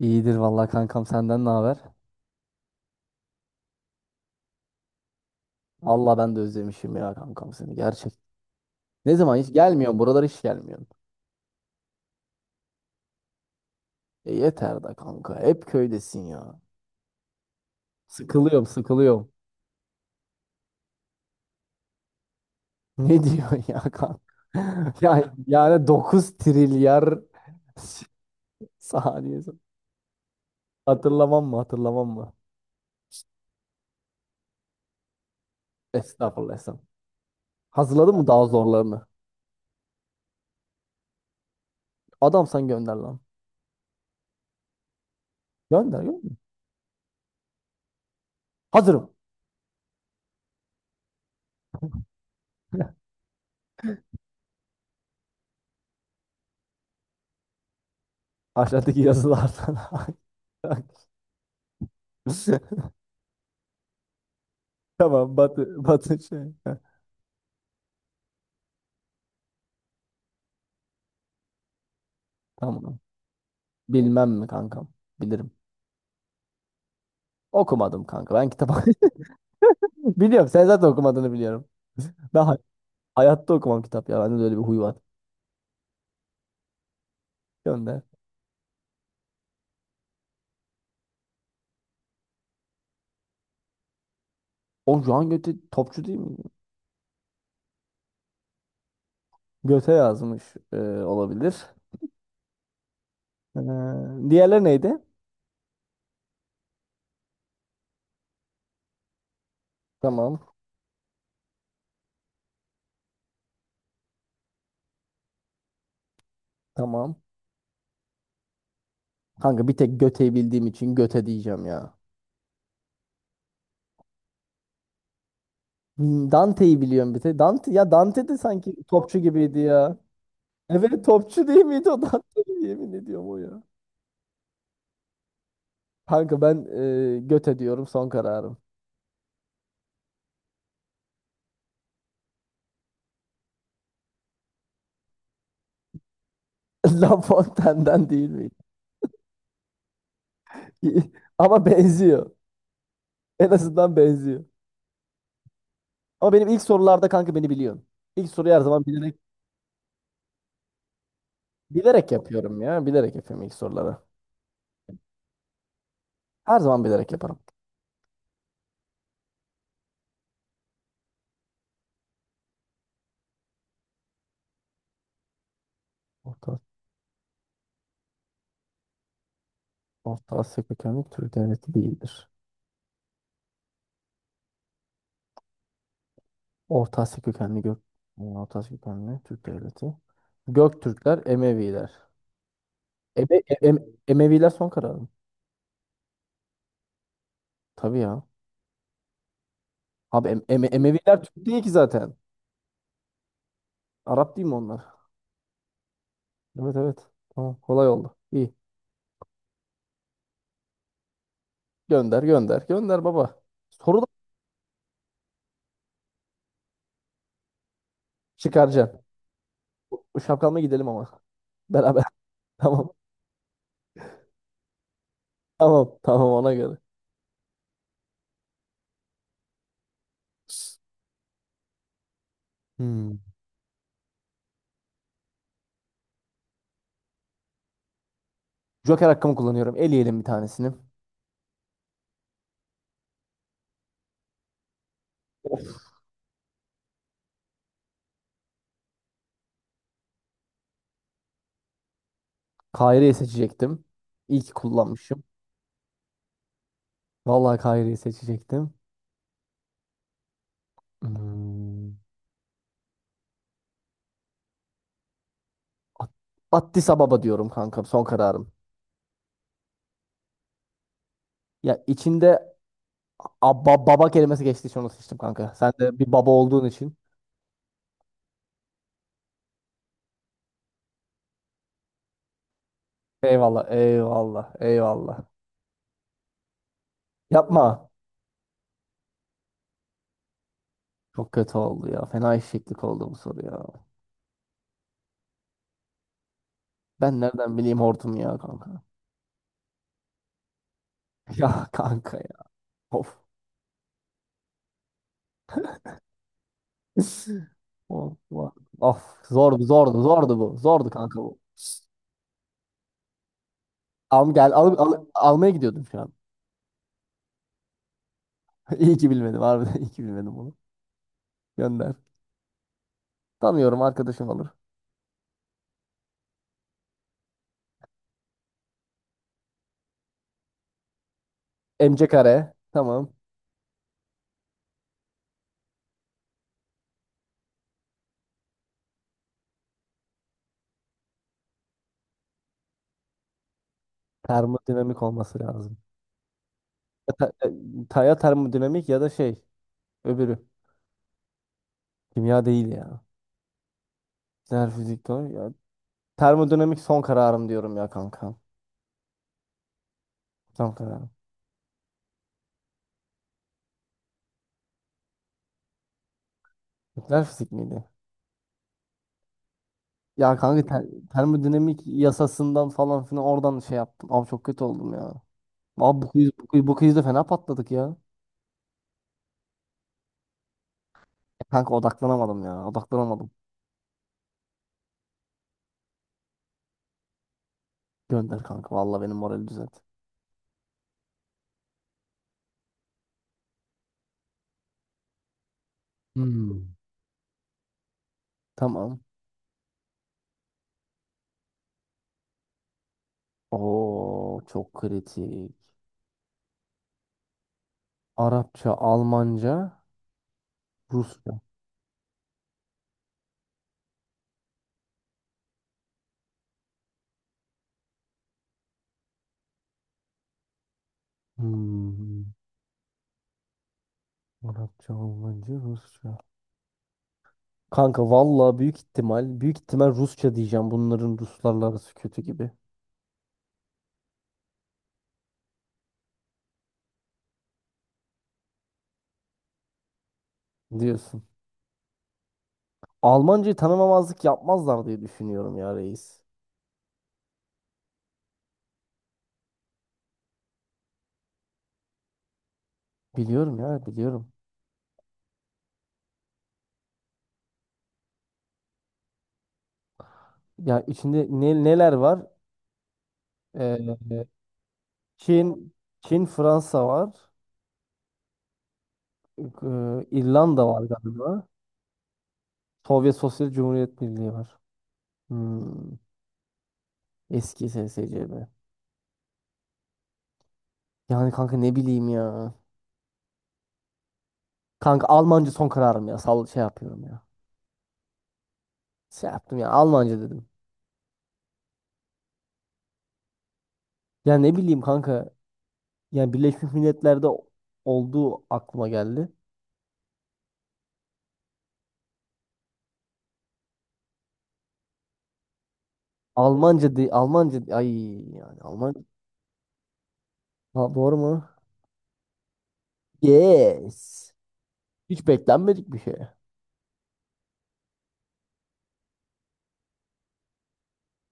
İyidir vallahi kankam senden ne haber? Vallahi ben de özlemişim ya kankam seni gerçek. Ne zaman hiç gelmiyorsun buralara hiç gelmiyorsun. E yeter da kanka hep köydesin ya. Sıkılıyorum sıkılıyorum. Ne diyorsun ya kanka? Ya, yani 9 trilyar saniye. Hatırlamam mı hatırlamam mı? Estağfurullah estağfurullah. Hazırladın mı daha zorlarını? Adam sen gönder lan. Gönder gönder. Hazırım. Aşağıdaki yazılardan. Tamam Batı şey. Heh, tamam. Bilmem mi kankam? Bilirim. Okumadım kanka. Ben kitap biliyorum. Sen zaten okumadığını biliyorum. Ben hayatta okumam kitap ya. Bende de öyle bir huy var. Gönder. O Joan Göte topçu değil mi? Göte yazmış e, olabilir. Ee, diğerleri neydi? Tamam. Tamam. Kanka bir tek Göte'yi bildiğim için Göte diyeceğim ya. Dante'yi biliyorum bir tek. Dante, ya Dante de sanki topçu gibiydi ya. Evet topçu değil miydi o Dante? Yemin ediyorum o ya. Kanka ben göte diyorum son kararım. La Fontaine'den değil miydi? Ama benziyor. En azından benziyor. Ama benim ilk sorularda kanka beni biliyorsun. İlk soruyu her zaman bilerek bilerek yapıyorum ya. Bilerek yapıyorum ilk soruları. Her zaman bilerek yaparım. Orta, Orta Asya kökenli Türk devleti değildir. Orta Asya kökenli Orta Asya kökenli Türk devleti. Göktürkler, Emeviler. Eme, em- Emeviler son kararım. Tabii ya. Abi Emeviler Türk değil ki zaten. Arap değil mi onlar? Evet evet. Tamam, kolay oldu. İyi. Gönder gönder. Gönder baba. Soru da çıkaracaksın. Bu şapkanla gidelim ama. Beraber. Tamam. Tamam. Tamam ona göre. Hmm. Joker hakkımı kullanıyorum. Eleyelim bir tanesini. Kahire'yi seçecektim. İyi ki kullanmışım. Vallahi Kahire'yi seçecektim. Hmm. At- Addis Ababa diyorum kanka. Son kararım. Ya içinde abba, baba kelimesi geçtiği için onu seçtim kanka. Sen de bir baba olduğun için. Eyvallah. Eyvallah. Eyvallah. Yapma. Çok kötü oldu ya. Fena eşeklik oldu bu soru ya. Ben nereden bileyim hortum ya kanka. Ya kanka ya. Of. Of. Of. Of. Zordu zordu zordu bu. Zordu kanka bu. Al gel almaya gidiyordum şu an. İyi ki bilmedim harbiden iyi ki bilmedim bunu. Gönder. Tanıyorum arkadaşım olur. MC kare. Tamam. Termodinamik olması lazım. Ya, ya termodinamik ya da şey öbürü. Kimya değil ya. Nükleer fizik doğru ya. Termodinamik son kararım diyorum ya kanka. Tam karar. Nükleer fizik miydi? Ya kanka termodinamik yasasından falan filan oradan şey yaptım. Abi çok kötü oldum ya. Abi bu quizde fena patladık ya. Kanka odaklanamadım ya. Odaklanamadım. Gönder kanka. Vallahi benim morali düzelt. Hmm. Tamam. Oo çok kritik. Arapça, Almanca, Rusça. Hmm. Arapça, Almanca, Rusça. Kanka vallahi büyük ihtimal, büyük ihtimal Rusça diyeceğim. Bunların Ruslarla arası kötü gibi. Diyorsun. Almancayı tanımamazlık yapmazlar diye düşünüyorum ya reis. Biliyorum ya biliyorum. Ya içinde ne, neler var? Ee, Çin, Çin, Fransa var. İrlanda var galiba. Sovyet Sosyal Cumhuriyet Birliği var. Hmm, eski SSCB. Yani kanka ne bileyim ya. Kanka Almanca son kararım ya. Sal şey yapıyorum ya. Şey yaptım ya Almanca dedim. Ya ne bileyim kanka. Yani Birleşmiş Milletler'de olduğu aklıma geldi. Almanca di Almanca di- ay Yani ha, doğru mu? Yes. Hiç beklenmedik bir şey.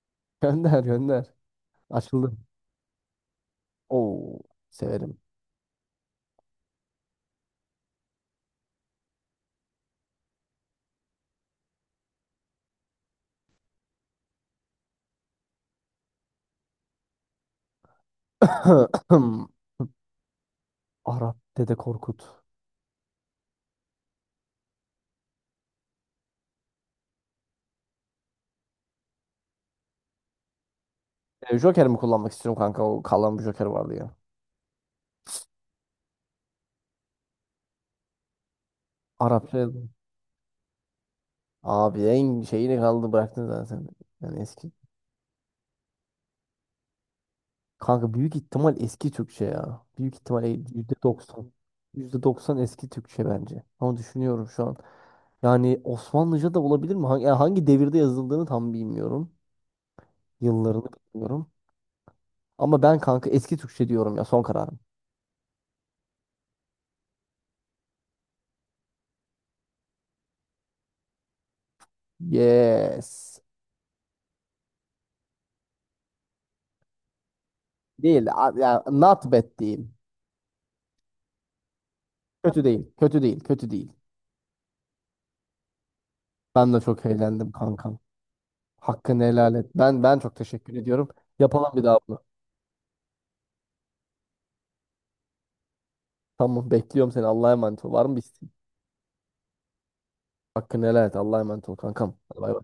Gönder gönder. Açıldı. Oo severim. Arap Dede Korkut. Joker mi kullanmak istiyorum kanka? O kalan bir Joker vardı ya. Arap şey. Abi en şeyini kaldı bıraktın zaten. Yani kanka büyük ihtimal eski Türkçe ya. Büyük ihtimal %90, yüzde doksan eski Türkçe bence. Ama düşünüyorum şu an. Yani Osmanlıca da olabilir mi? Hangi devirde yazıldığını tam bilmiyorum. Yıllarını bilmiyorum. Ama ben kanka eski Türkçe diyorum ya son kararım. Yes. Değil. Ya not bad değil. Kötü değil. Kötü değil. Kötü değil. Ben de çok eğlendim kankam. Hakkını helal et. Ben çok teşekkür ediyorum. Yapalım bir daha bunu. Tamam bekliyorum seni. Allah'a emanet ol. Var mı bir isteğin? Hakkını helal et. Allah'a emanet ol kankam. Hadi bay bay.